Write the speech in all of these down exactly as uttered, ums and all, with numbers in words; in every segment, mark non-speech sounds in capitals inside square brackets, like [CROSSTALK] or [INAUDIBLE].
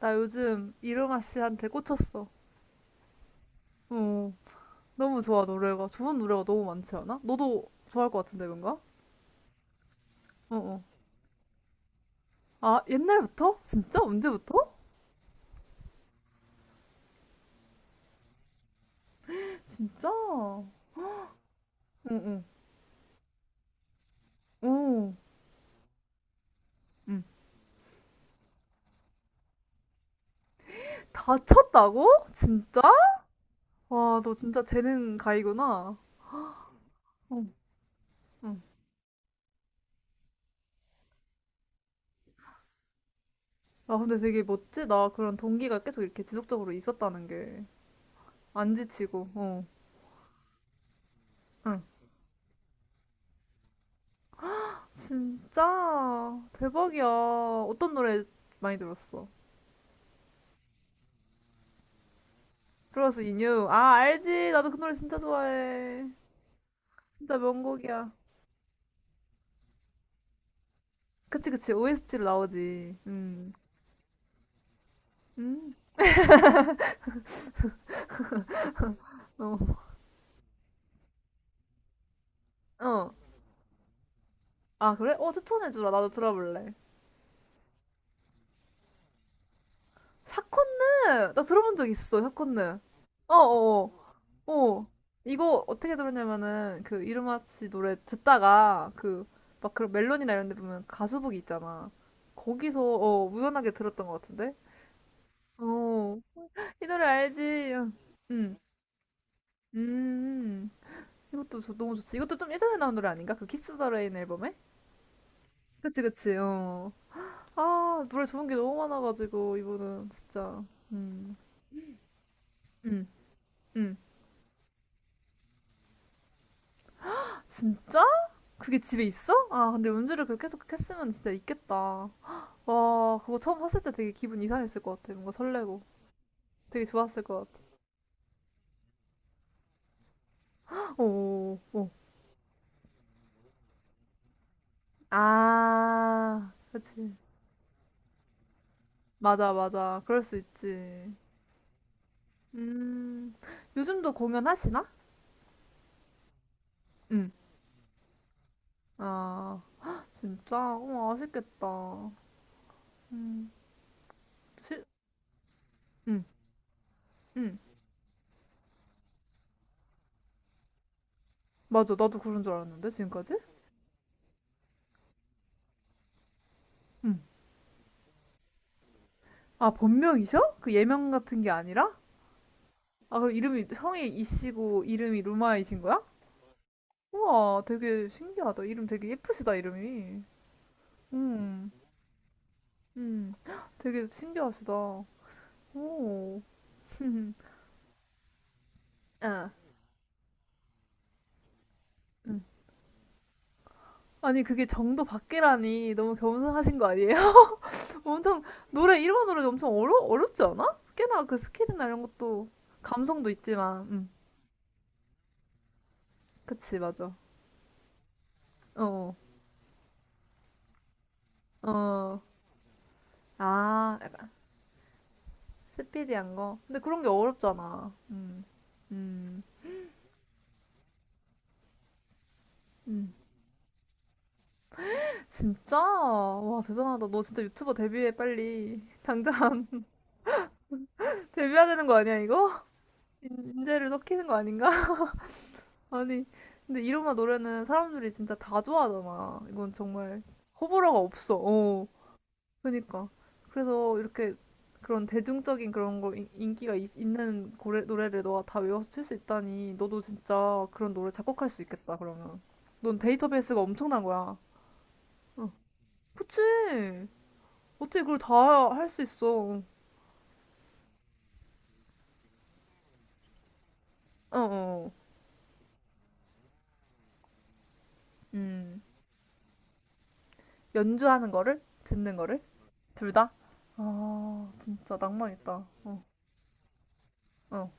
나 요즘 이루마 씨한테 꽂혔어. 어, 너무 좋아, 노래가. 좋은 노래가 너무 많지 않아? 너도 좋아할 것 같은데, 뭔가? 어, 어. 아, 옛날부터? 진짜? 언제부터? 진짜? 응, 응. 오, 응. 다쳤다고? 진짜? 와, 너 진짜 재능 가이구나. 응, 응. 아, 근데 되게 멋지다. 그런 동기가 계속 이렇게 지속적으로 있었다는 게. 안 지치고, 어. 응. 진짜 대박이야. 어떤 노래 많이 들었어? 플러스 인유. 아, 알지. 나도 그 노래 진짜 좋아해. 진짜 명곡이야. 그치, 그치. 오에스티로 나오지. 음. 음. 어. 어. 아, 그래? 어, 추천해주라. 나도 들어볼래. 샤콘느! 나 들어본 적 있어, 샤콘느. 어, 어, 어. 어. 이거 어떻게 들었냐면은, 그, 이루마치 노래 듣다가, 그, 막 그런 멜론이나 이런 데 보면 가수북이 있잖아. 거기서, 어, 우연하게 들었던 것 같은데? 어. 이 노래 알지? 응. 음. 음. 이것도 저- 너무 좋지. 이것도 좀 예전에 나온 노래 아닌가? 그 키스 더 레인 앨범에? 그치, 그치, 어. 아, 노래 좋은 게 너무 많아가지고, 이분은 진짜. 음. 음. 음. 진짜? 그게 집에 있어? 아, 근데 연주를 그렇게 계속 했으면 진짜 있겠다. 와, 그거 처음 샀을 때 되게 기분 이상했을 것 같아. 뭔가 설레고. 되게 좋았을 것 같아. 오, 오. 아, 그치. 맞아, 맞아. 그럴 수 있지. 음. 요즘도 공연하시나? 응. 아, 진짜? 어, 아쉽겠다. 음, 실, 음, 음. 맞아. 나도 그런 줄 알았는데, 지금까지? 음. 아, 본명이셔? 그 예명 같은 게 아니라? 아, 그럼 이름이, 성이 이씨고, 이름이 루마이신 거야? 우와, 되게 신기하다. 이름 되게 예쁘시다, 이름이. 음, 음. [GASPS] 되게 신기하시다. 오. [LAUGHS] 아, 음. 아니, 그게 정도 밖이라니. 너무 겸손하신 거 아니에요? 엄청 노래 일본 노래 엄청 어려 어렵지 않아? 꽤나 그 스킬이나 이런 것도 감성도 있지만, 음, 그치 맞아. 어, 어, 아, 약간 스피디한 거. 근데 그런 게 어렵잖아. 음, 음, 음. 진짜? 와 대단하다. 너 진짜 유튜버 데뷔해 빨리. 당장 [LAUGHS] 데뷔해야 되는 거 아니야 이거? 인- 인재를 섞이는 거 아닌가? [LAUGHS] 아니, 근데 이로마 노래는 사람들이 진짜 다 좋아하잖아. 이건 정말 호불호가 없어. 어. 그러니까 그래서 이렇게 그런 대중적인 그런 거 인- 인기가 있, 는 고래, 노래를 너가 다 외워서 칠 수 있다니 너도 진짜 그런 노래 작곡할 수 있겠다 그러면 넌 데이터베이스가 엄청난 거야. 어. 그치. 어떻게 그걸 다 할 수 있어? 어어. 음. 연주하는 거를 듣는 거를 둘 다? 아 진짜 낭만 있다. 어. 어.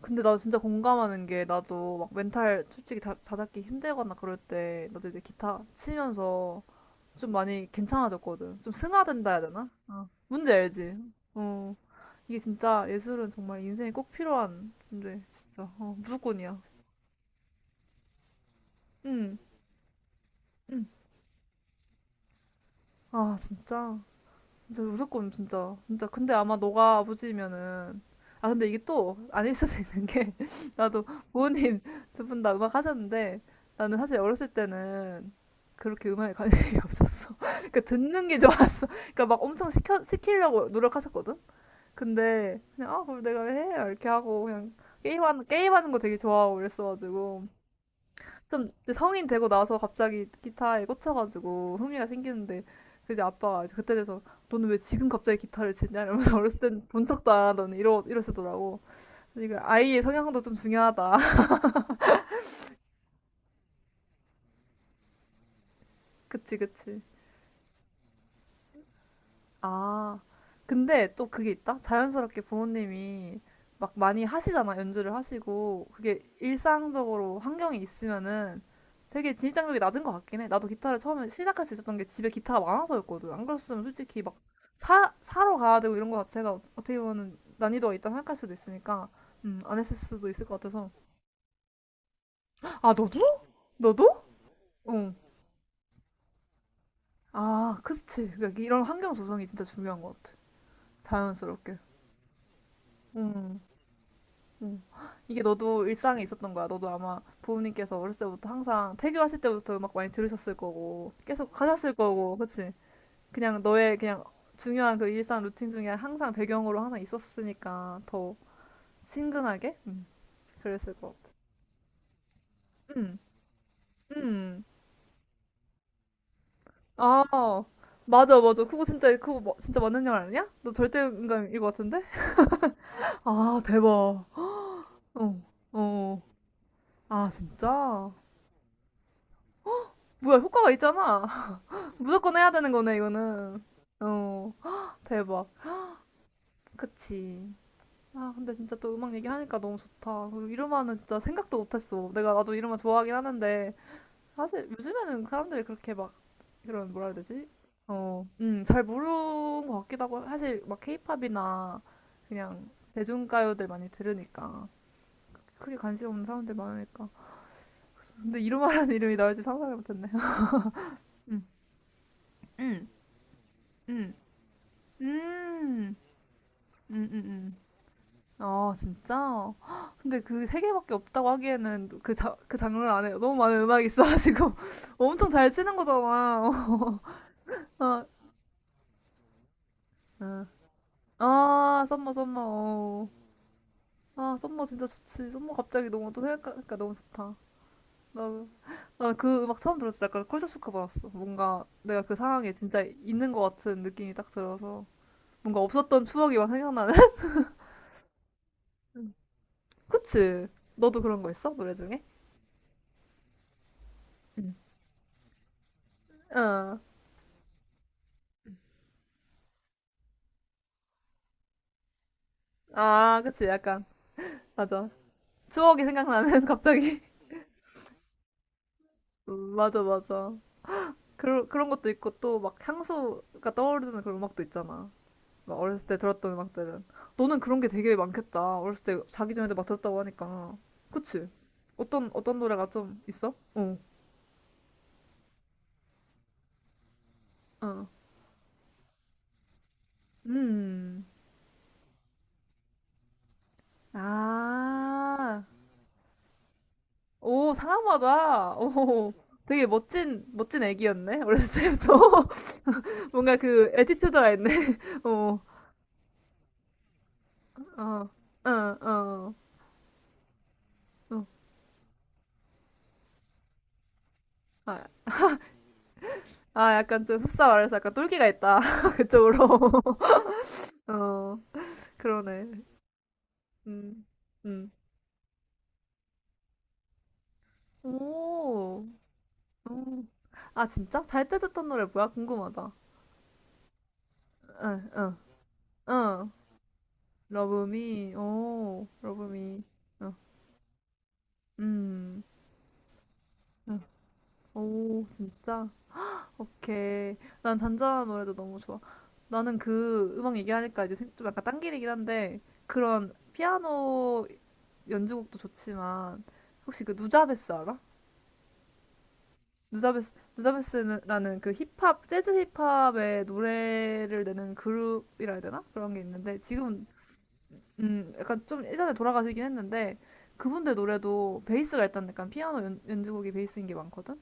근데 나 진짜 공감하는 게 나도 막 멘탈 솔직히 다, 다잡기 힘들거나 그럴 때 나도 이제 기타 치면서 좀 많이 괜찮아졌거든. 좀 승화된다 해야 되나? 어. 문제 알지? 어. 이게 진짜 예술은 정말 인생에 꼭 필요한 존재. 진짜. 어, 무조건이야. 응. 응. 아, 진짜. 진짜 무조건 진짜. 진짜. 근데 아마 너가 아버지면은, 아, 근데 이게 또 아닐 수도 있는 게 [LAUGHS] 나도 부모님 두 분 다 음악 하셨는데 나는 사실 어렸을 때는 그렇게 음악에 관심이 [LAUGHS] 없었어. [LAUGHS] 그러니까 듣는 게 좋았어. 그러니까 막 엄청 시켜, 시키려고 노력하셨거든. 근데 그냥 아 그걸 내가 왜 해? 이렇게 하고 그냥 게임하는 게임하는 거 되게 좋아하고 그랬어가지고 좀 이제 성인 되고 나서 갑자기 기타에 꽂혀가지고 흥미가 생기는데 그 이제 아빠가 이제 그때 돼서 너는 왜 지금 갑자기 기타를 치냐 이러면서 [LAUGHS] 어렸을 땐 본 척도 안 하더니 이러 이러시더라고. 그러니까 아이의 성향도 좀 중요하다. [LAUGHS] 그치 그치. 아, 근데 또 그게 있다? 자연스럽게 부모님이 막 많이 하시잖아, 연주를 하시고. 그게 일상적으로 환경에 있으면은 되게 진입장벽이 낮은 것 같긴 해. 나도 기타를 처음에 시작할 수 있었던 게 집에 기타가 많아서였거든. 안 그랬으면 솔직히 막 사, 사러 가야 되고 이런 거 자체가 어- 어떻게 보면 난이도가 있다 생각할 수도 있으니까, 음, 안 했을 수도 있을 것 같아서. 아, 너도? 너도? 응. 아, 그치. 그러니까 이런 환경 조성이 진짜 중요한 것 같아. 자연스럽게. 응. 음. 이게 너도 일상에 있었던 거야. 너도 아마 부모님께서 어렸을 때부터 항상 태교하실 때부터 음악 많이 들으셨을 거고, 계속 하셨을 거고, 그치? 그냥 너의 그냥 중요한 그 일상 루틴 중에 항상 배경으로 항상 있었으니까 더 친근하게? 음, 그랬을 것 같아. 음, 음. 아, 맞아, 맞아. 그거 진짜, 그거 뭐- 진짜 맞는 말 아니야? 너 절대 음감일 것 같은데? 아, 대박. 어, 어. 아, 진짜? 뭐야, 효과가 있잖아. 무조건 해야 되는 거네, 이거는. 어, 헉, 대박. 그치. 아, 근데 진짜 또 음악 얘기하니까 너무 좋다. 그리고 이루마는 진짜 생각도 못했어. 내가 나도 이루마 좋아하긴 하는데, 사실 요즘에는 사람들이 그렇게 막, 이런, 뭐라 해야 되지? 어, 음, 잘 모르는 것 같기도 하고, 사실 막 케이팝이나 그냥 대중가요들 많이 들으니까. 크게 관심 없는 사람들 많으니까. 근데 이루마라는 이름이 나올지 상상을 못했네요. [LAUGHS] 음, 음, 음, 음, 음, 음, 음. 아 진짜? 헉, 근데 그 세 개밖에 없다고 하기에는 그, 자, 그 장르 안에 너무 많은 음악이 있어가지고 [LAUGHS] 엄청 잘 치는 거잖아. [LAUGHS] 아, 응. 아, 썸머 썸머. 어. 아, 썸머 진짜 좋지. 썸머 갑자기 너무 또 생각하니까 너무 좋다. 나, 나그 음악 처음 들었을 때 약간 컬처 쇼크 받았어. 뭔가 내가 그 상황에 진짜 있는 것 같은 느낌이 딱 들어서 뭔가 없었던 추억이 막 생각나는. [LAUGHS] 그치? 너도 그런 거 있어? 노래 중에? 응. 아, 그치. 약간 맞아. 추억이 생각나는 [LAUGHS] 갑자기 음, 맞아 맞아. 그런 그런 것도 있고 또 막 향수가 떠오르는 그런 음악도 있잖아. 막 어렸을 때 들었던 음악들은 너는 그런 게 되게 많겠다 어렸을 때 자기 전에도 막 들었다고 하니까. 그치. 어떤 어떤 노래가 좀 있어? 어음아오. 상하마다 오. 되게 멋진 멋진 애기였네 어렸을 때부터. [LAUGHS] 뭔가 그 에티튜드가 있네. [LAUGHS] 어어어어. 아, 아, 약간 좀 흡사 말해서 약간 똘끼가 있다. [LAUGHS] 그쪽으로. [LAUGHS] 어, 그러네. 음, 음. 오, 음. 아, 진짜? 잘 때 듣던 노래 뭐야? 궁금하다. 응, 응, 응. 러브미, 오, 러브미. 응, 음, 응. 오, 진짜? 오케이. 난 잔잔한 노래도 너무 좋아. 나는 그 음악 얘기하니까 이제 생- 좀 약간 딴길이긴 한데, 그런 피아노 연주곡도 좋지만, 혹시 그 누자베스 알아? 누자베스. 누자베스라는 그 힙합 재즈 힙합의 노래를 내는 그룹이라 해야 되나? 그런 게 있는데 지금 음 약간 좀 예전에 돌아가시긴 했는데 그분들 노래도 베이스가 일단 약간 피아노 연, 연주곡이 베이스인 게 많거든.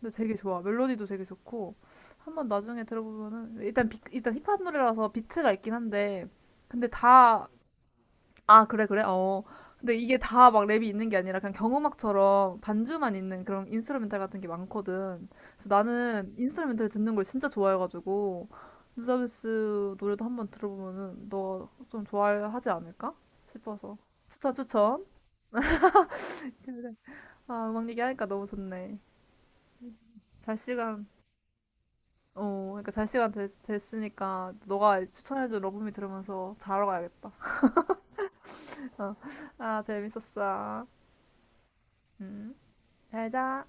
근데 되게 좋아. 멜로디도 되게 좋고 한번 나중에 들어보면은 일단 비, 일단 힙합 노래라서 비트가 있긴 한데 근데 다. 아, 그래, 그래? 어. 근데 이게 다 막 랩이 있는 게 아니라 그냥 경음악처럼 반주만 있는 그런 인스트루멘탈 같은 게 많거든. 그래서 나는 인스트루멘탈 듣는 걸 진짜 좋아해가지고, 누자베스 노래도 한번 들어보면은 너 좀 좋아하지 않을까 싶어서. 추천, 추천. 그래. 아, 음악 얘기하니까 너무 좋네. 잘 시간, 어, 그러니까 잘 시간 됐, 됐으니까 너가 추천해준 러브미 들으면서 자러 가야겠다. [LAUGHS] 어. 아, 재밌었어. 음, 잘 자.